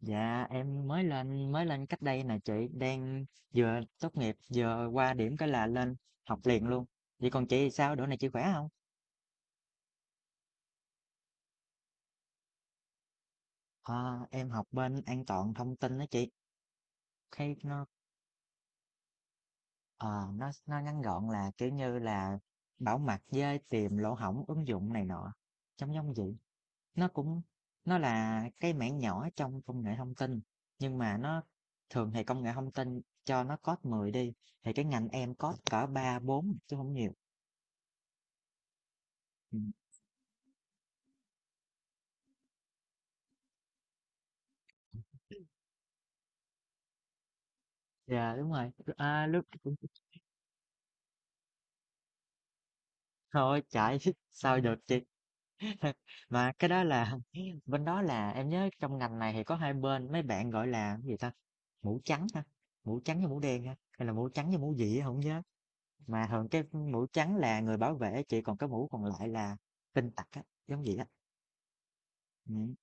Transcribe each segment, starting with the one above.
Dạ em mới lên cách đây nè chị đang vừa tốt nghiệp vừa qua điểm cái là lên học liền luôn. Vậy còn chị thì sao? Đỗ này chị khỏe không? Ờ, em học bên an toàn thông tin đó chị. Khi nó ờ, nó ngắn gọn là kiểu như là bảo mật với tìm lỗ hổng ứng dụng này nọ. Trong giống giống vậy. Nó cũng nó là cái mảng nhỏ trong công nghệ thông tin nhưng mà thường thì công nghệ thông tin cho nó code 10 đi thì cái ngành em code cỡ 3 4 chứ không nhiều. Ừ. Dạ đúng rồi, à, lúc đó cũng thôi chạy sao được chị mà cái đó là bên đó là em nhớ trong ngành này thì có hai bên mấy bạn gọi là cái gì ta mũ trắng ha mũ trắng với mũ đen ha hay là mũ trắng với mũ gì á, không nhớ mà thường cái mũ trắng là người bảo vệ chị còn cái mũ còn lại là tin tặc á giống vậy á ừ.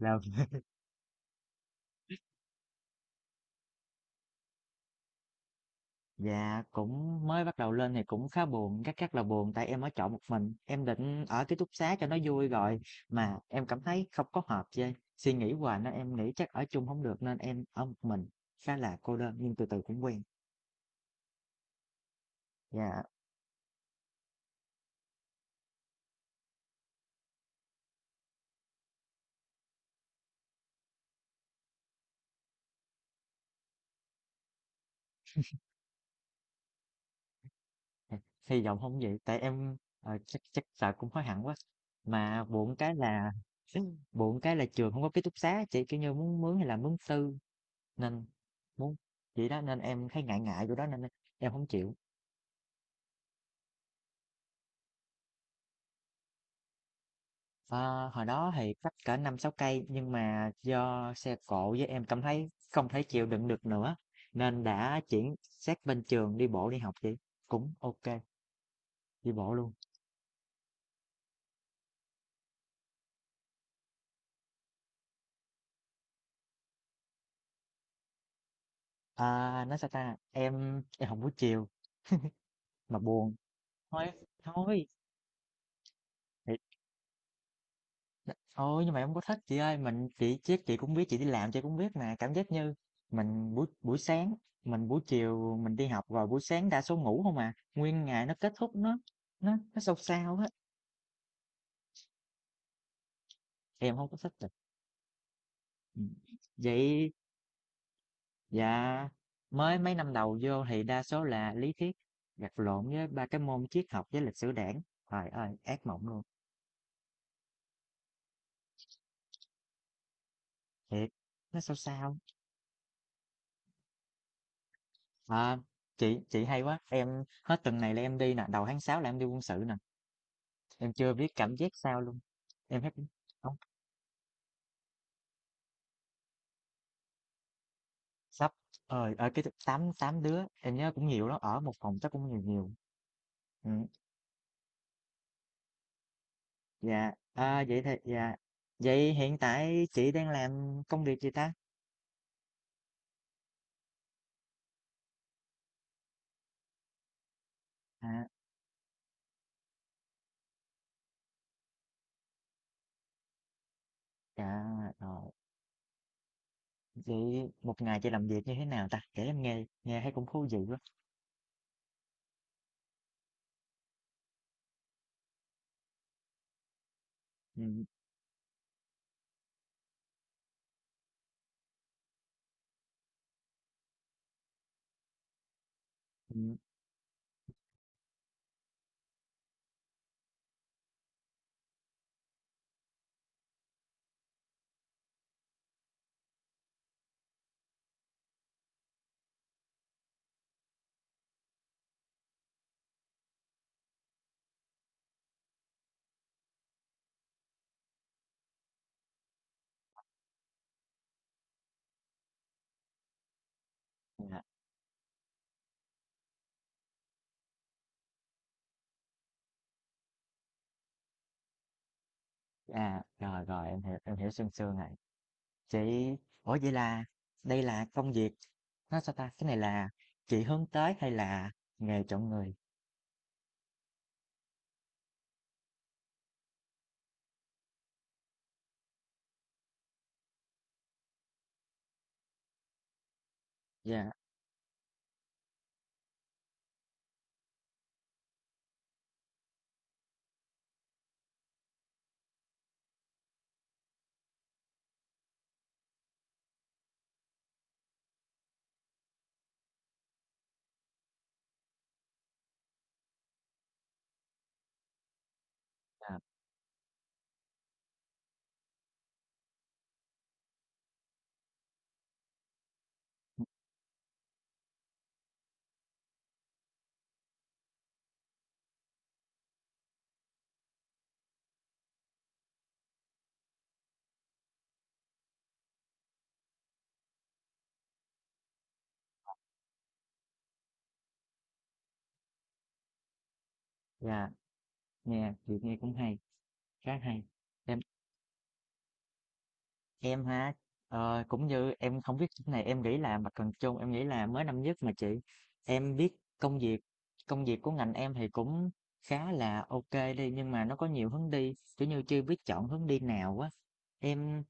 Là dạ cũng mới bắt đầu lên thì cũng khá buồn, rất rất là buồn tại em ở trọ một mình, em định ở ký túc xá cho nó vui rồi mà em cảm thấy không có hợp với suy nghĩ hoài nên em nghĩ chắc ở chung không được nên em ở một mình khá là cô đơn nhưng từ từ cũng quen. Dạ hy vọng không vậy tại em chắc chắc sợ cũng hối hận quá. Mà buồn cái là buồn cái là trường không có ký túc xá chị kiểu như muốn mướn hay là mướn tư nên muốn vậy đó nên em thấy ngại ngại chỗ đó nên em không chịu. Ờ, hồi đó thì cắt cỡ 5-6 cây nhưng mà do xe cộ với em cảm thấy không thể chịu đựng được nữa nên đã chuyển sát bên trường đi bộ đi học chị cũng ok đi bộ luôn à, nói sao ta em học buổi chiều mà buồn thôi thôi thì, thôi nhưng mà em không có thích chị ơi mình chị chứ chị cũng biết chị đi làm chị cũng biết mà cảm giác như mình buổi buổi sáng mình buổi chiều mình đi học rồi buổi sáng đa số ngủ không à nguyên ngày nó kết thúc nó sâu sao á em không có thích. Ừm, vậy dạ mới mấy năm đầu vô thì đa số là lý thuyết gặt lộn với ba cái môn triết học với lịch sử đảng trời ơi ác mộng luôn thiệt nó sao sao à, chị hay quá em hết tuần này là em đi nè đầu tháng 6 là em đi quân sự nè em chưa biết cảm giác sao luôn em hết không sắp ở cái 88 đứa em nhớ cũng nhiều đó ở một phòng chắc cũng nhiều nhiều ừ, dạ à, vậy thì dạ vậy hiện tại chị đang làm công việc gì ta à À, rồi. Vậy một ngày chị làm việc như thế nào ta? Kể em nghe, nghe thấy cũng thú vị quá. Ừ, ừ. ừ. À, à, rồi rồi em hiểu sương sương này. Chị, ủa vậy là đây là công việc nó sao ta? Cái này là chị hướng tới hay là nghề chọn người? Dạ, à, dạ, nghe chị nghe cũng hay, khá hay. Em Em ha, cũng như em không biết chỗ này em nghĩ là mặt bằng chung em nghĩ là mới năm nhất mà chị em biết công việc công việc của ngành em thì cũng khá là ok đi nhưng mà nó có nhiều hướng đi kiểu như chưa biết chọn hướng đi nào á em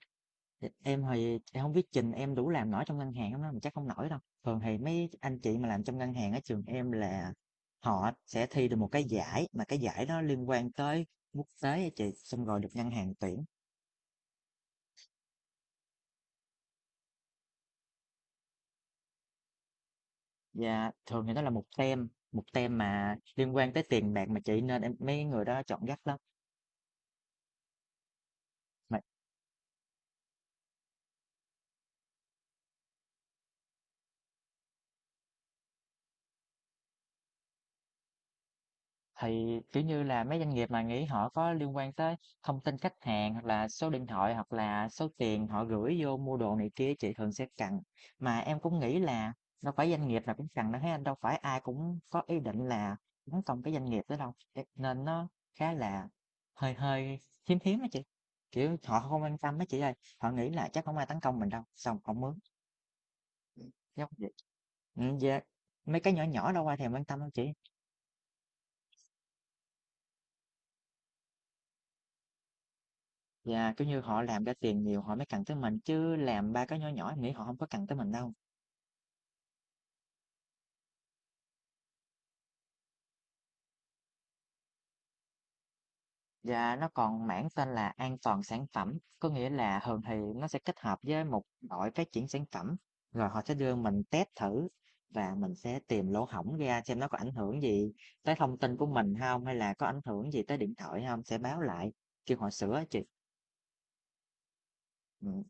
em thì em không biết trình em đủ làm nổi trong ngân hàng không đó mà chắc không nổi đâu thường thì mấy anh chị mà làm trong ngân hàng ở trường em là họ sẽ thi được một cái giải mà cái giải đó liên quan tới quốc tế á chị xong rồi được ngân hàng tuyển. Dạ, thường thì đó là một tem mà liên quan tới tiền bạc mà chị, nên em mấy người đó chọn gắt lắm. Mà thì kiểu như là mấy doanh nghiệp mà nghĩ họ có liên quan tới thông tin khách hàng hoặc là số điện thoại hoặc là số tiền họ gửi vô mua đồ này kia chị thường sẽ cần. Mà em cũng nghĩ là đâu phải doanh nghiệp nào cũng cần đâu thấy anh đâu phải ai cũng có ý định là tấn công cái doanh nghiệp đó đâu. Thế nên nó khá là hơi hơi hiếm hiếm đó chị. Kiểu họ không quan tâm đó chị ơi, họ nghĩ là chắc không ai tấn công mình đâu, xong không mướn. Ừm, giống vậy. Dạ, mấy cái nhỏ nhỏ đâu ai thèm quan tâm đâu chị. Dạ, kiểu như, họ làm ra tiền nhiều họ mới cần tới mình, chứ làm ba cái nhỏ nhỏ em nghĩ họ không có cần tới mình đâu. Dạ, nó còn mảng tên là an toàn sản phẩm, có nghĩa là thường thì nó sẽ kết hợp với một đội phát triển sản phẩm, rồi họ sẽ đưa mình test thử và mình sẽ tìm lỗ hổng ra xem nó có ảnh hưởng gì tới thông tin của mình không hay là có ảnh hưởng gì tới điện thoại không, sẽ báo lại, kêu họ sửa á chị. Ừm.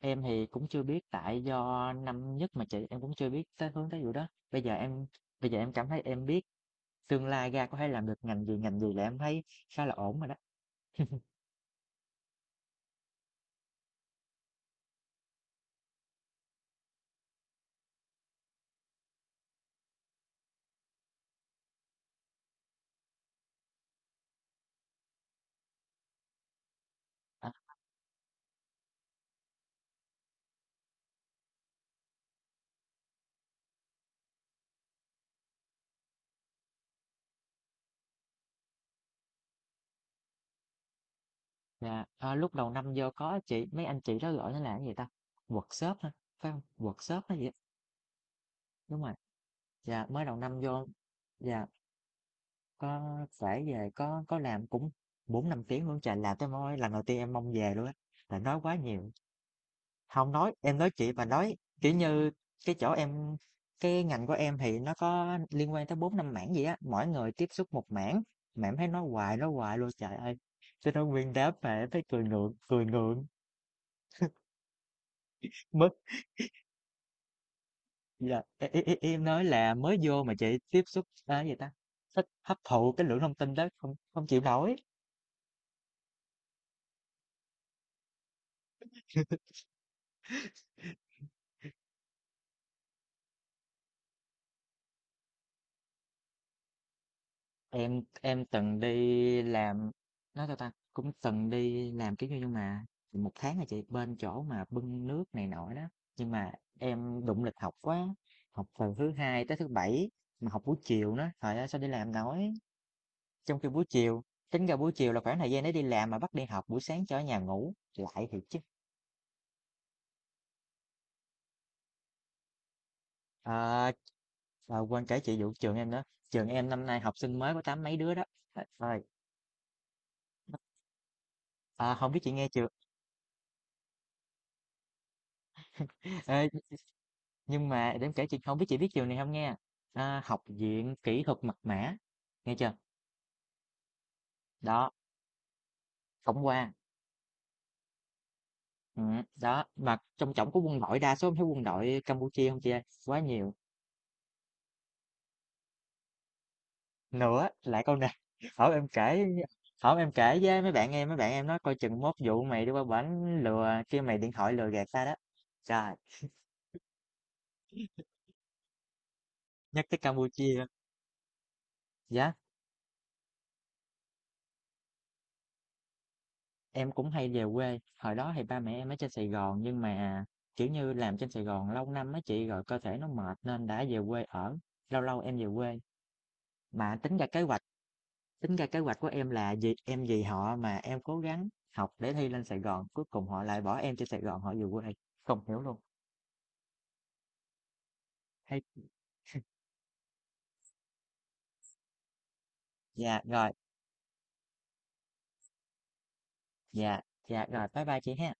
Em thì cũng chưa biết tại do năm nhất mà chị em cũng chưa biết tới hướng tới vụ đó. Bây giờ em bây giờ em cảm thấy em biết tương lai ra có thể làm được ngành gì là em thấy khá là ổn rồi đó. À, dạ. Ờ, lúc đầu năm vô có chị mấy anh chị đó gọi nó là cái gì ta? Workshop hả? Phải không? Workshop hay gì? Á? Đúng rồi. Dạ mới đầu năm vô dạ có phải về có làm cũng 4-5 tiếng luôn trời làm tới môi lần đầu tiên em mong về luôn á. Là nói quá nhiều. Không nói, em nói chị bà nói, kiểu như, cái chỗ em cái ngành của em thì nó có liên quan tới bốn năm mảng gì á, mỗi người tiếp xúc một mảng, mà em thấy nói hoài luôn, trời ơi! Cho nên nguyên đám mà em thấy cười ngượng, mất là e e e em nói là mới vô mà chị tiếp xúc, a, cái gì ta, thích hấp thụ cái lượng thông tin đó không không chịu nổi. Em từng đi làm nói sao ta cũng từng đi làm kiểu như nhưng mà một tháng là chị bên chỗ mà bưng nước này nọ đó nhưng mà em đụng lịch học quá học từ thứ hai tới thứ bảy mà học buổi chiều nữa trời ơi sao đi làm nổi trong khi buổi chiều tính ra buổi chiều là khoảng thời gian để đi làm mà bắt đi học buổi sáng cho ở nhà ngủ lại thì chứ à, à, quên kể chị vụ trường em nữa trường em năm nay học sinh mới có tám mấy đứa đó. Trời à, không biết chị nghe chưa. Ê, nhưng mà để em kể chị, không biết chị biết trường này không nha, a, Học viện Kỹ thuật Mật mã, nghe chưa? Đó, tổng quan, đó, mà trong trỏng của quân đội, đa số em thấy quân đội Campuchia không chị ơi, quá nhiều. Nữa lại câu này hổm em kể hổm em kể với mấy bạn em nói coi chừng mốt vụ mày đi qua bển lừa kêu mày điện thoại lừa gạt ta đó. Trời, nhắc tới Campuchia, yeah. Em cũng hay về quê, hồi đó thì ba mẹ em ở trên Sài Gòn nhưng mà, kiểu như, làm trên Sài Gòn lâu năm á chị rồi cơ thể nó mệt nên đã về quê ở, lâu lâu em về quê. Mà tính ra kế hoạch, tính ra kế hoạch của em là gì? Em vì họ mà em cố gắng học để thi lên Sài Gòn, cuối cùng họ lại bỏ em trên Sài Gòn họ về quê. Không hiểu luôn. Hay. Dạ rồi, dạ, dạ rồi, bye bye chị ha.